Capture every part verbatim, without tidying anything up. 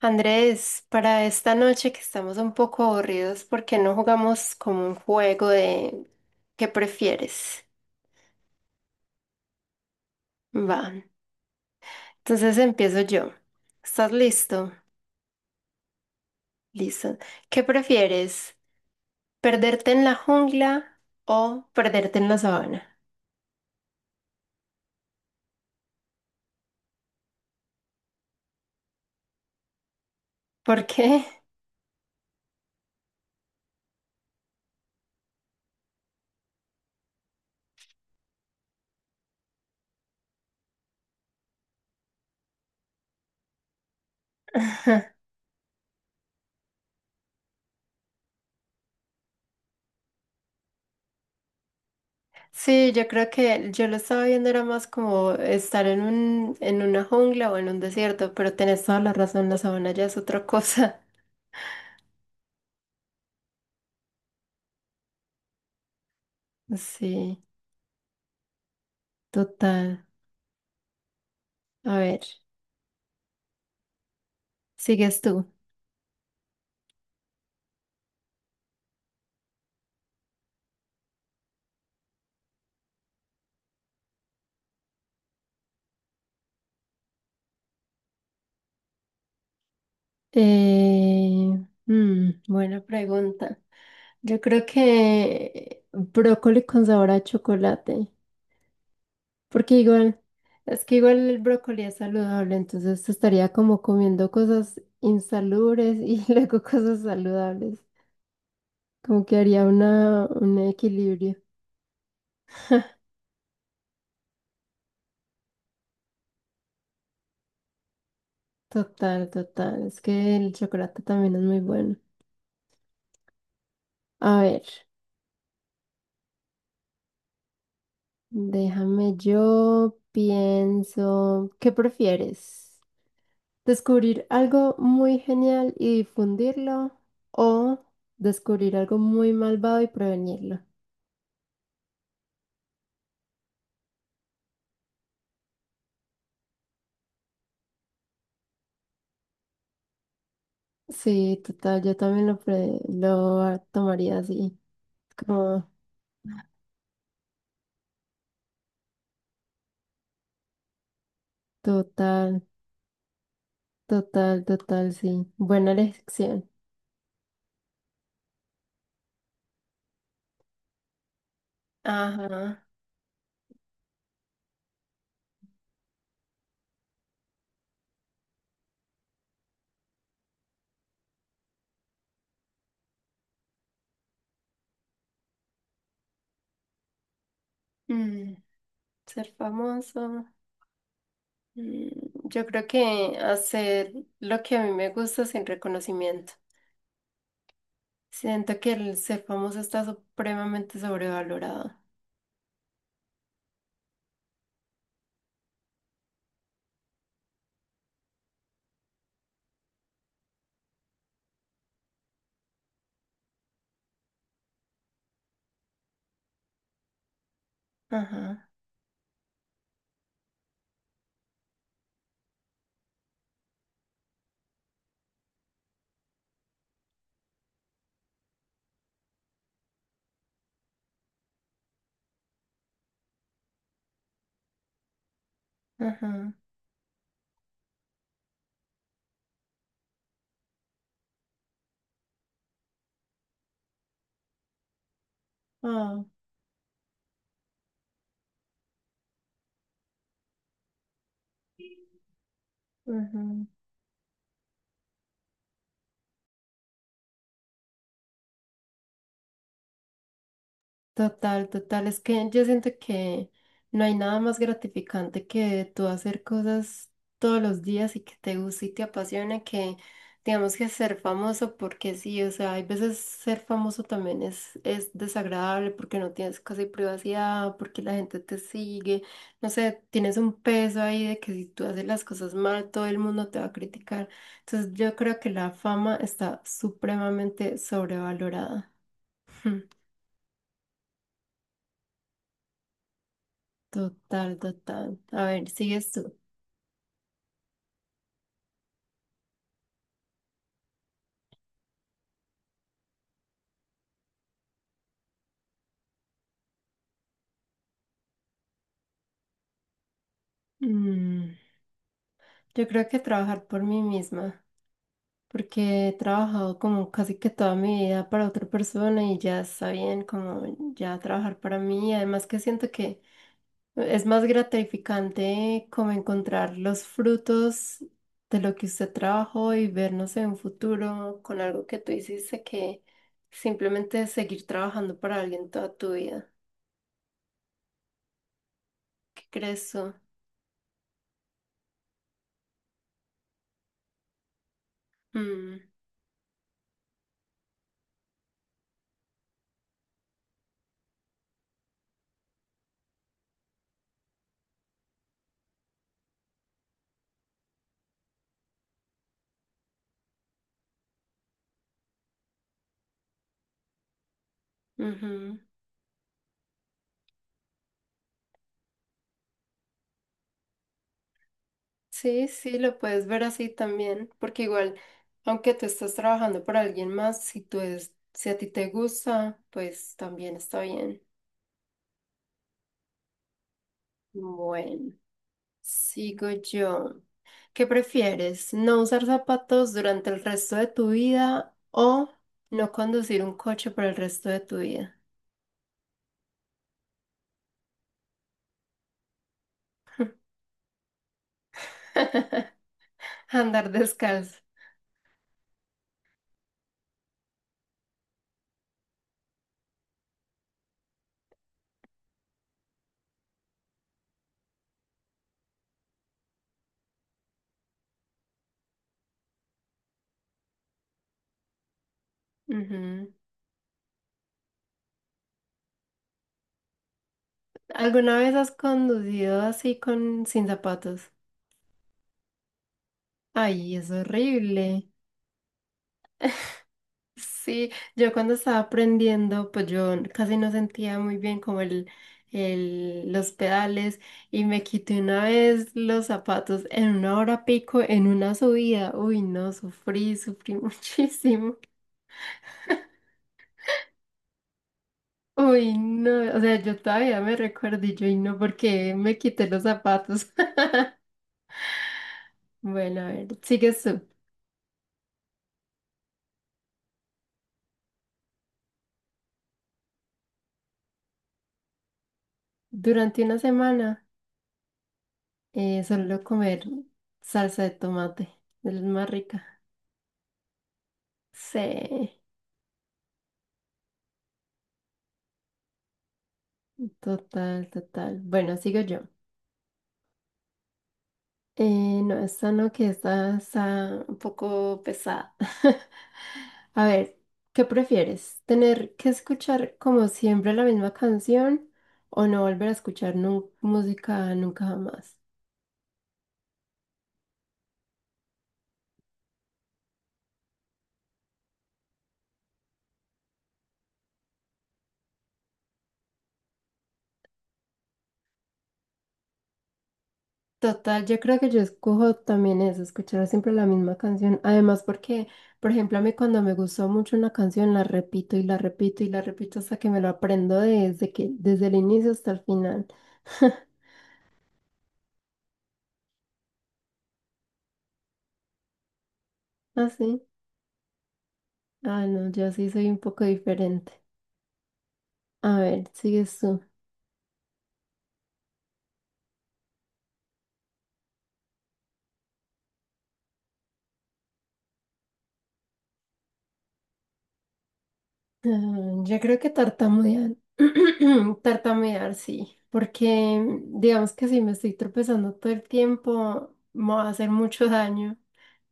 Andrés, para esta noche que estamos un poco aburridos, ¿por qué no jugamos como un juego de qué prefieres? Va. Entonces empiezo yo. ¿Estás listo? Listo. ¿Qué prefieres? ¿Perderte en la jungla o perderte en la sabana? ¿Por qué? Sí, yo creo que yo lo estaba viendo era más como estar en un, en una jungla o en un desierto, pero tenés toda la razón, la sabana ya es otra cosa. Sí, total. A ver. Sigues tú. Eh, mm, Buena pregunta. Yo creo que brócoli con sabor a chocolate, porque igual, es que igual el brócoli es saludable, entonces estaría como comiendo cosas insalubres y luego cosas saludables, como que haría una, un equilibrio. Total, total, es que el chocolate también es muy bueno. A ver, déjame yo pienso, ¿qué prefieres? Descubrir algo muy genial y difundirlo o descubrir algo muy malvado y prevenirlo. Sí, total, yo también lo, pre- lo a- tomaría así. Como total, total, total, sí. Buena elección. Ajá. Mm, Ser famoso. Mm, yo creo que hacer lo que a mí me gusta sin reconocimiento. Siento que el ser famoso está supremamente sobrevalorado. Ajá, ajá. Ah, ujú. Total, total. Es que yo siento que no hay nada más gratificante que tú hacer cosas todos los días y que te guste y te apasiona que, digamos que ser famoso porque sí, o sea, hay veces ser famoso también es, es desagradable porque no tienes casi privacidad, porque la gente te sigue, no sé, tienes un peso ahí de que si tú haces las cosas mal, todo el mundo te va a criticar. Entonces yo creo que la fama está supremamente sobrevalorada. Total, total. A ver, sigues tú. Mm, Yo creo que trabajar por mí misma, porque he trabajado como casi que toda mi vida para otra persona y ya está bien como ya trabajar para mí. Además que siento que es más gratificante como encontrar los frutos de lo que usted trabajó y vernos en un futuro con algo que tú hiciste que simplemente seguir trabajando para alguien toda tu vida. ¿Qué crees tú? Mm, ujú. Sí, sí, lo puedes ver así también, porque igual, aunque tú estás trabajando para alguien más, si tú es, si a ti te gusta, pues también está bien. Bueno, sigo yo. ¿Qué prefieres? ¿No usar zapatos durante el resto de tu vida o no conducir un coche por el resto de tu vida? Andar descalzo. Ujú. ¿Alguna vez has conducido así con sin zapatos? Ay, es horrible. Sí, yo cuando estaba aprendiendo, pues yo casi no sentía muy bien como el, el- los pedales y me quité una vez los zapatos en una hora pico, en una subida. Uy, no, sufrí, sufrí muchísimo. Uy, no, o sea, yo todavía me recuerdo y yo, y no, porque me quité los zapatos. Bueno, a ver, sigues tú. Durante una semana, eh, solo comer salsa de tomate, es la más rica. Sí. Total, total. Bueno, sigo yo. Eh, no, esta no, que esta está un poco pesada. A ver, ¿qué prefieres? ¿Tener que escuchar como siempre la misma canción o no volver a escuchar nu- música nunca jamás? Total, yo creo que yo escojo también eso, escuchar siempre la misma canción. Además, porque, por ejemplo, a mí cuando me gustó mucho una canción, la repito y la repito y la repito hasta que me lo aprendo desde que, desde el inicio hasta el final. Ah, sí. Ah, no, yo sí soy un poco diferente. A ver, sigues tú. Ah, yo creo que tartamudear. Tartamudear, sí. Porque mm, digamos que si me estoy tropezando todo el tiempo, me va a hacer mucho daño.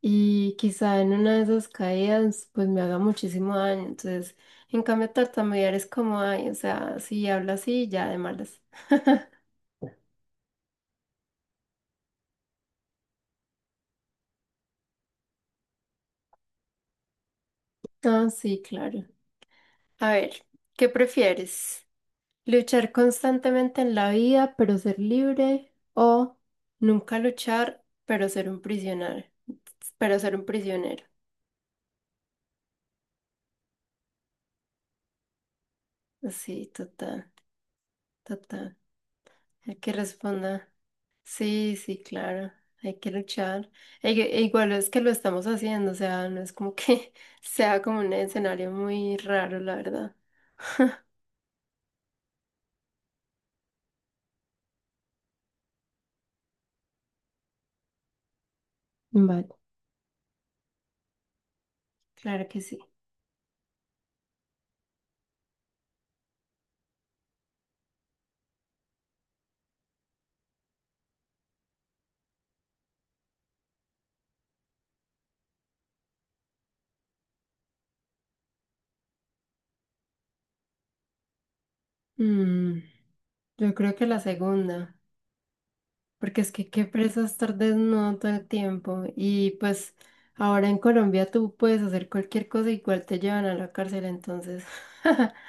Y quizá en una de esas caídas, pues me haga muchísimo daño. Entonces, en cambio, tartamudear es como, ay, o sea, si hablo así, ya de malas. Ah, sí, claro. A ver, ¿qué prefieres? Luchar constantemente en la vida, pero ser libre, o nunca luchar, pero ser un prisionero, pero ser un prisionero. Sí, total, total. Hay que responder. Sí, sí, claro. Hay que luchar. E- e igual es que lo estamos haciendo, o sea, no es como que sea como un escenario muy raro, la verdad. Vale, claro que sí. Mm, yo creo que la segunda. Porque es que qué presa estar desnudo todo el tiempo. Y pues ahora en Colombia tú puedes hacer cualquier cosa, igual te llevan a la cárcel, entonces.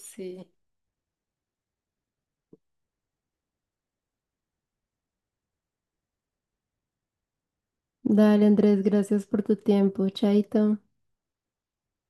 Sí. Dale, Andrés, gracias por tu tiempo. Chaito.